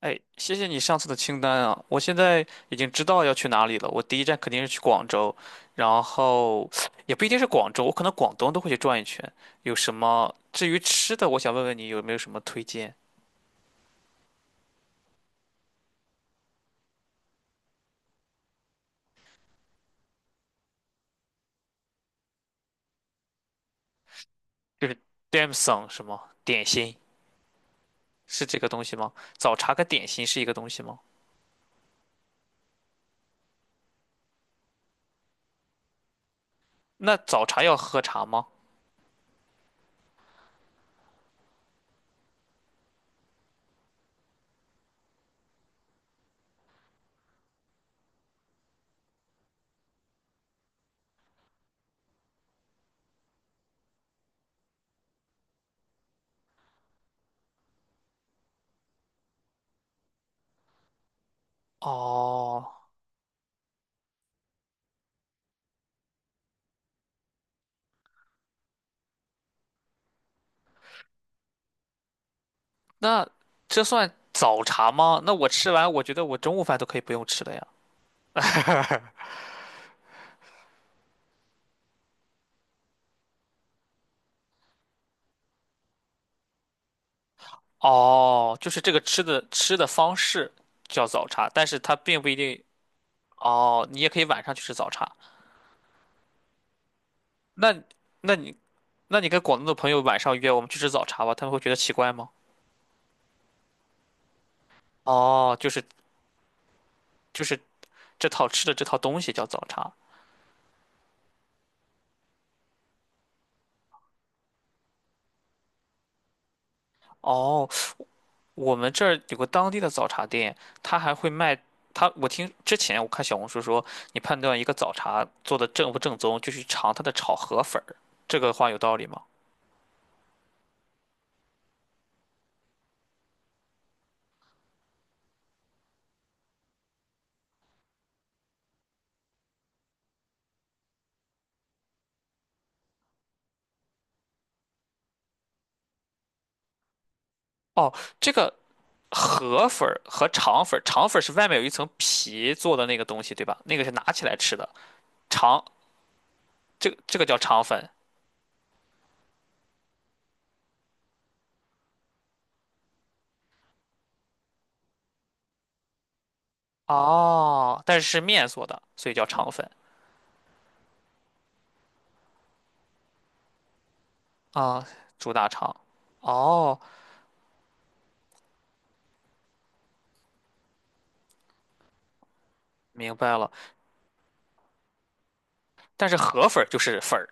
哎，谢谢你上次的清单啊！我现在已经知道要去哪里了。我第一站肯定是去广州，然后也不一定是广州，我可能广东都会去转一圈。有什么？至于吃的，我想问问你有没有什么推荐？就是 d a m sum 什么点心是这个东西吗？早茶跟点心是一个东西吗？那早茶要喝茶吗？哦，那这算早茶吗？那我吃完，我觉得我中午饭都可以不用吃了呀。哦，就是这个吃的方式叫早茶，但是它并不一定。哦，你也可以晚上去吃早茶。那，那你，那你跟广东的朋友晚上约我们去吃早茶吧，他们会觉得奇怪吗？哦，就是就是这套吃的这套东西叫早茶。哦，我们这儿有个当地的早茶店，他还会卖。他，我听之前我看小红书说，你判断一个早茶做的正不正宗，就去尝它的炒河粉儿。这个话有道理吗？哦，这个。河粉儿和肠粉儿，肠粉儿是外面有一层皮做的那个东西，对吧？那个是拿起来吃的，肠这个叫肠粉。哦，但是是面做的，所以叫肠粉。啊，猪大肠。哦，明白了。但是河粉儿就是粉儿，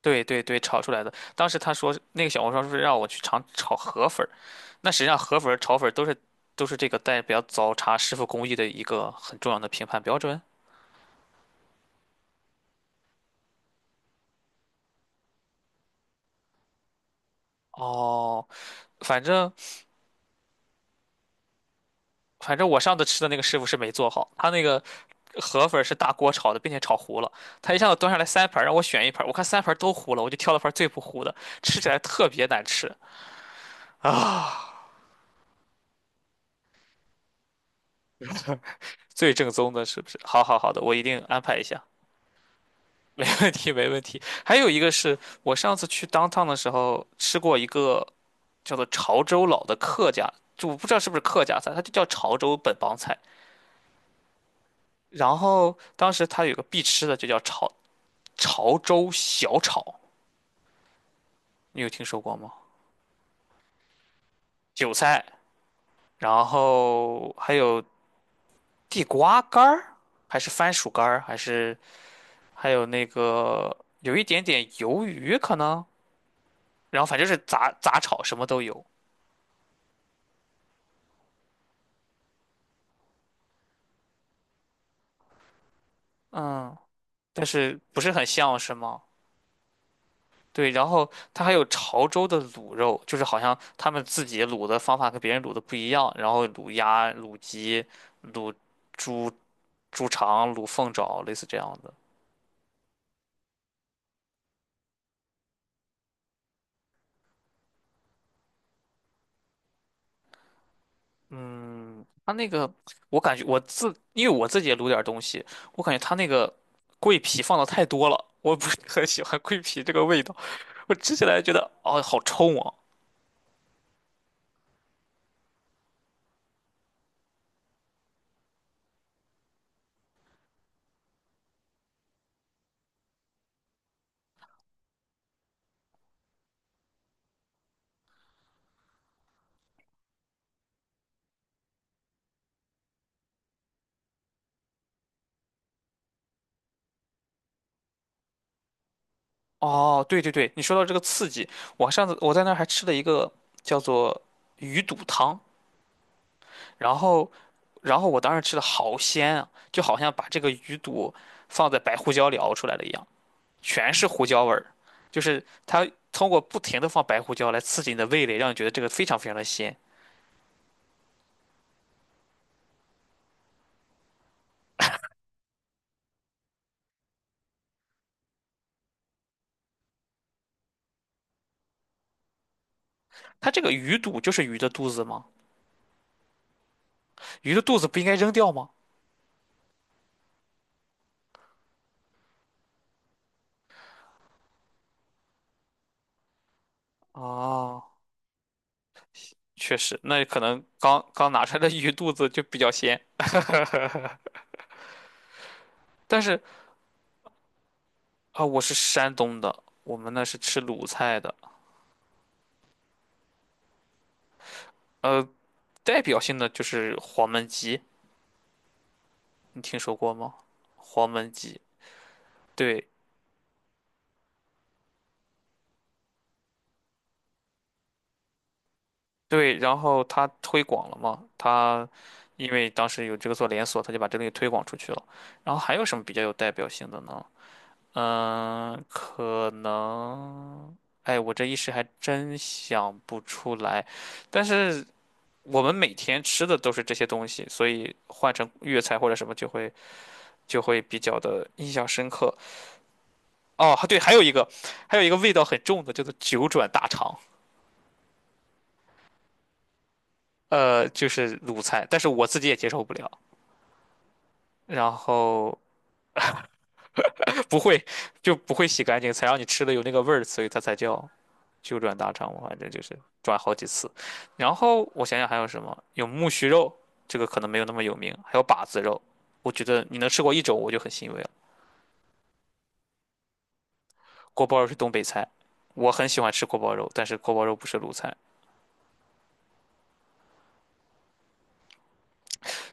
对对对，炒出来的。当时他说那个小红书上是让我去尝炒河粉儿，那实际上河粉儿、炒粉儿都是都是这个代表早茶师傅工艺的一个很重要的评判标准。哦，反正。反正我上次吃的那个师傅是没做好，他那个河粉是大锅炒的，并且炒糊了。他一下子端上来三盘让我选一盘，我看三盘都糊了，我就挑了盘最不糊的，吃起来特别难吃啊！最正宗的是不是？好好好的，我一定安排一下，没问题没问题。还有一个是我上次去 downtown 的时候吃过一个叫做潮州佬的客家，就我不知道是不是客家菜，它就叫潮州本帮菜。然后当时它有个必吃的，就叫潮潮州小炒。你有听说过吗？韭菜，然后还有地瓜干儿，还是番薯干儿，还是还有那个有一点点鱿鱼可能，然后反正是杂杂炒什么都有。嗯，但是不是很像是吗？对，然后它还有潮州的卤肉，就是好像他们自己卤的方法跟别人卤的不一样，然后卤鸭、卤鸡、卤猪、猪肠、卤凤爪，类似这样的。嗯，它那个我感觉我自，因为我自己也卤点儿东西，我感觉它那个桂皮放的太多了，我不是很喜欢桂皮这个味道。我吃起来觉得哦，好冲啊！哦，对对对，你说到这个刺激，我上次我在那儿还吃了一个叫做鱼肚汤，然后然后我当时吃的好鲜啊，就好像把这个鱼肚放在白胡椒里熬出来了一样。全是胡椒味儿，就是它通过不停的放白胡椒来刺激你的味蕾，让你觉得这个非常非常的鲜。它这个鱼肚就是鱼的肚子吗？鱼的肚子不应该扔掉吗？哦，确实，那可能刚刚拿出来的鱼肚子就比较鲜。但是啊、我是山东的，我们那是吃鲁菜的。呃，代表性的就是黄焖鸡，你听说过吗？黄焖鸡，对，对，然后他推广了嘛，他因为当时有这个做连锁，他就把这个东西推广出去了。然后还有什么比较有代表性的呢？嗯，可能，哎，我这一时还真想不出来。但是我们每天吃的都是这些东西，所以换成粤菜或者什么就会就会比较的印象深刻。哦，对，还有一个，还有一个味道很重的叫做九转大肠，呃，就是卤菜，但是我自己也接受不了。然后不会 就不会洗干净，才让你吃的有那个味儿，所以它才叫九转大肠。我反正就是转好几次。然后我想想还有什么，有木须肉，这个可能没有那么有名，还有把子肉。我觉得你能吃过一种，我就很欣慰了。锅包肉是东北菜，我很喜欢吃锅包肉，但是锅包肉不是鲁菜。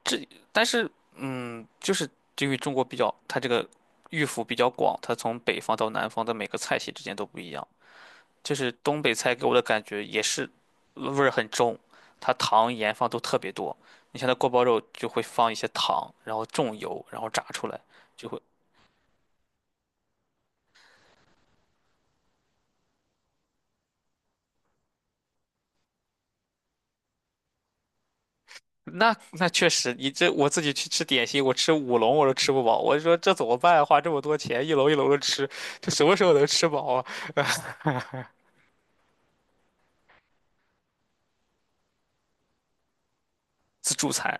这但是嗯，就是因为中国比较，它这个。御府比较广，它从北方到南方的每个菜系之间都不一样。就是东北菜给我的感觉也是味儿很重，它糖盐放都特别多。你像那锅包肉就会放一些糖，然后重油，然后炸出来就会。那那确实，你这我自己去吃点心，我吃五笼我都吃不饱。我就说这怎么办啊，花这么多钱，一笼一笼的吃，这什么时候能吃饱啊？自助餐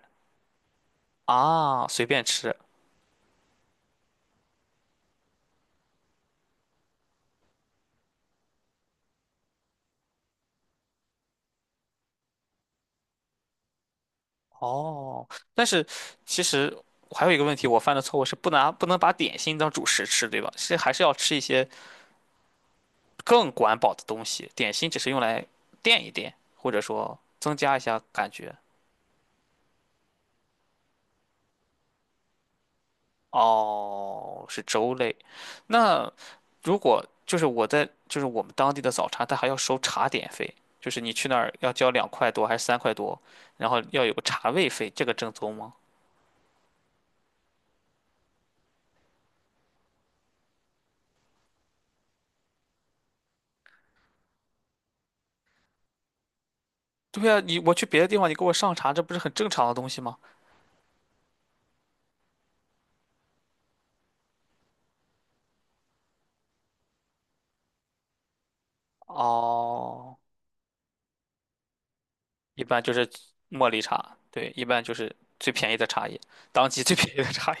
啊，随便吃哦。但是其实还有一个问题，我犯的错误是不拿不能把点心当主食吃，对吧？是还是要吃一些。更管饱的东西，点心只是用来垫一垫，或者说增加一下感觉。哦，是粥类。那如果就是我在就是我们当地的早茶，它还要收茶点费，就是你去那儿要交两块多还是三块多，然后要有个茶位费，这个正宗吗？对呀，你我去别的地方，你给我上茶，这不是很正常的东西吗？哦，一般就是茉莉茶，对，一般就是最便宜的茶叶，当季最便宜的茶叶。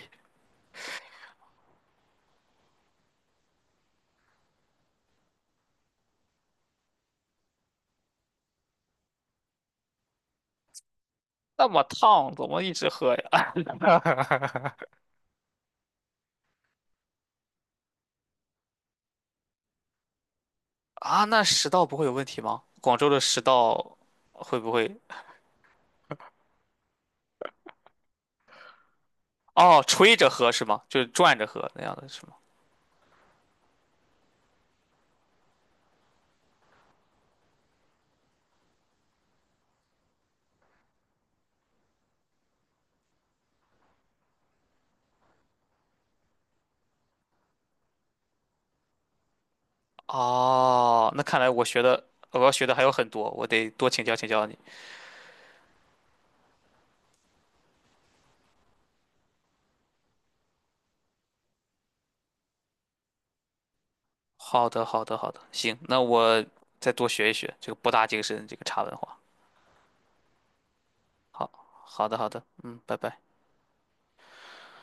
那么烫，怎么一直喝呀？啊，那食道不会有问题吗？广州的食道会不会？哦，吹着喝是吗？就是转着喝那样的是吗？哦，那看来我学的我要学的还有很多，我得多请教请教你。好的，好的，好的，行，那我再多学一学这个博大精深这个茶文化。好，好的，好的，嗯，拜拜。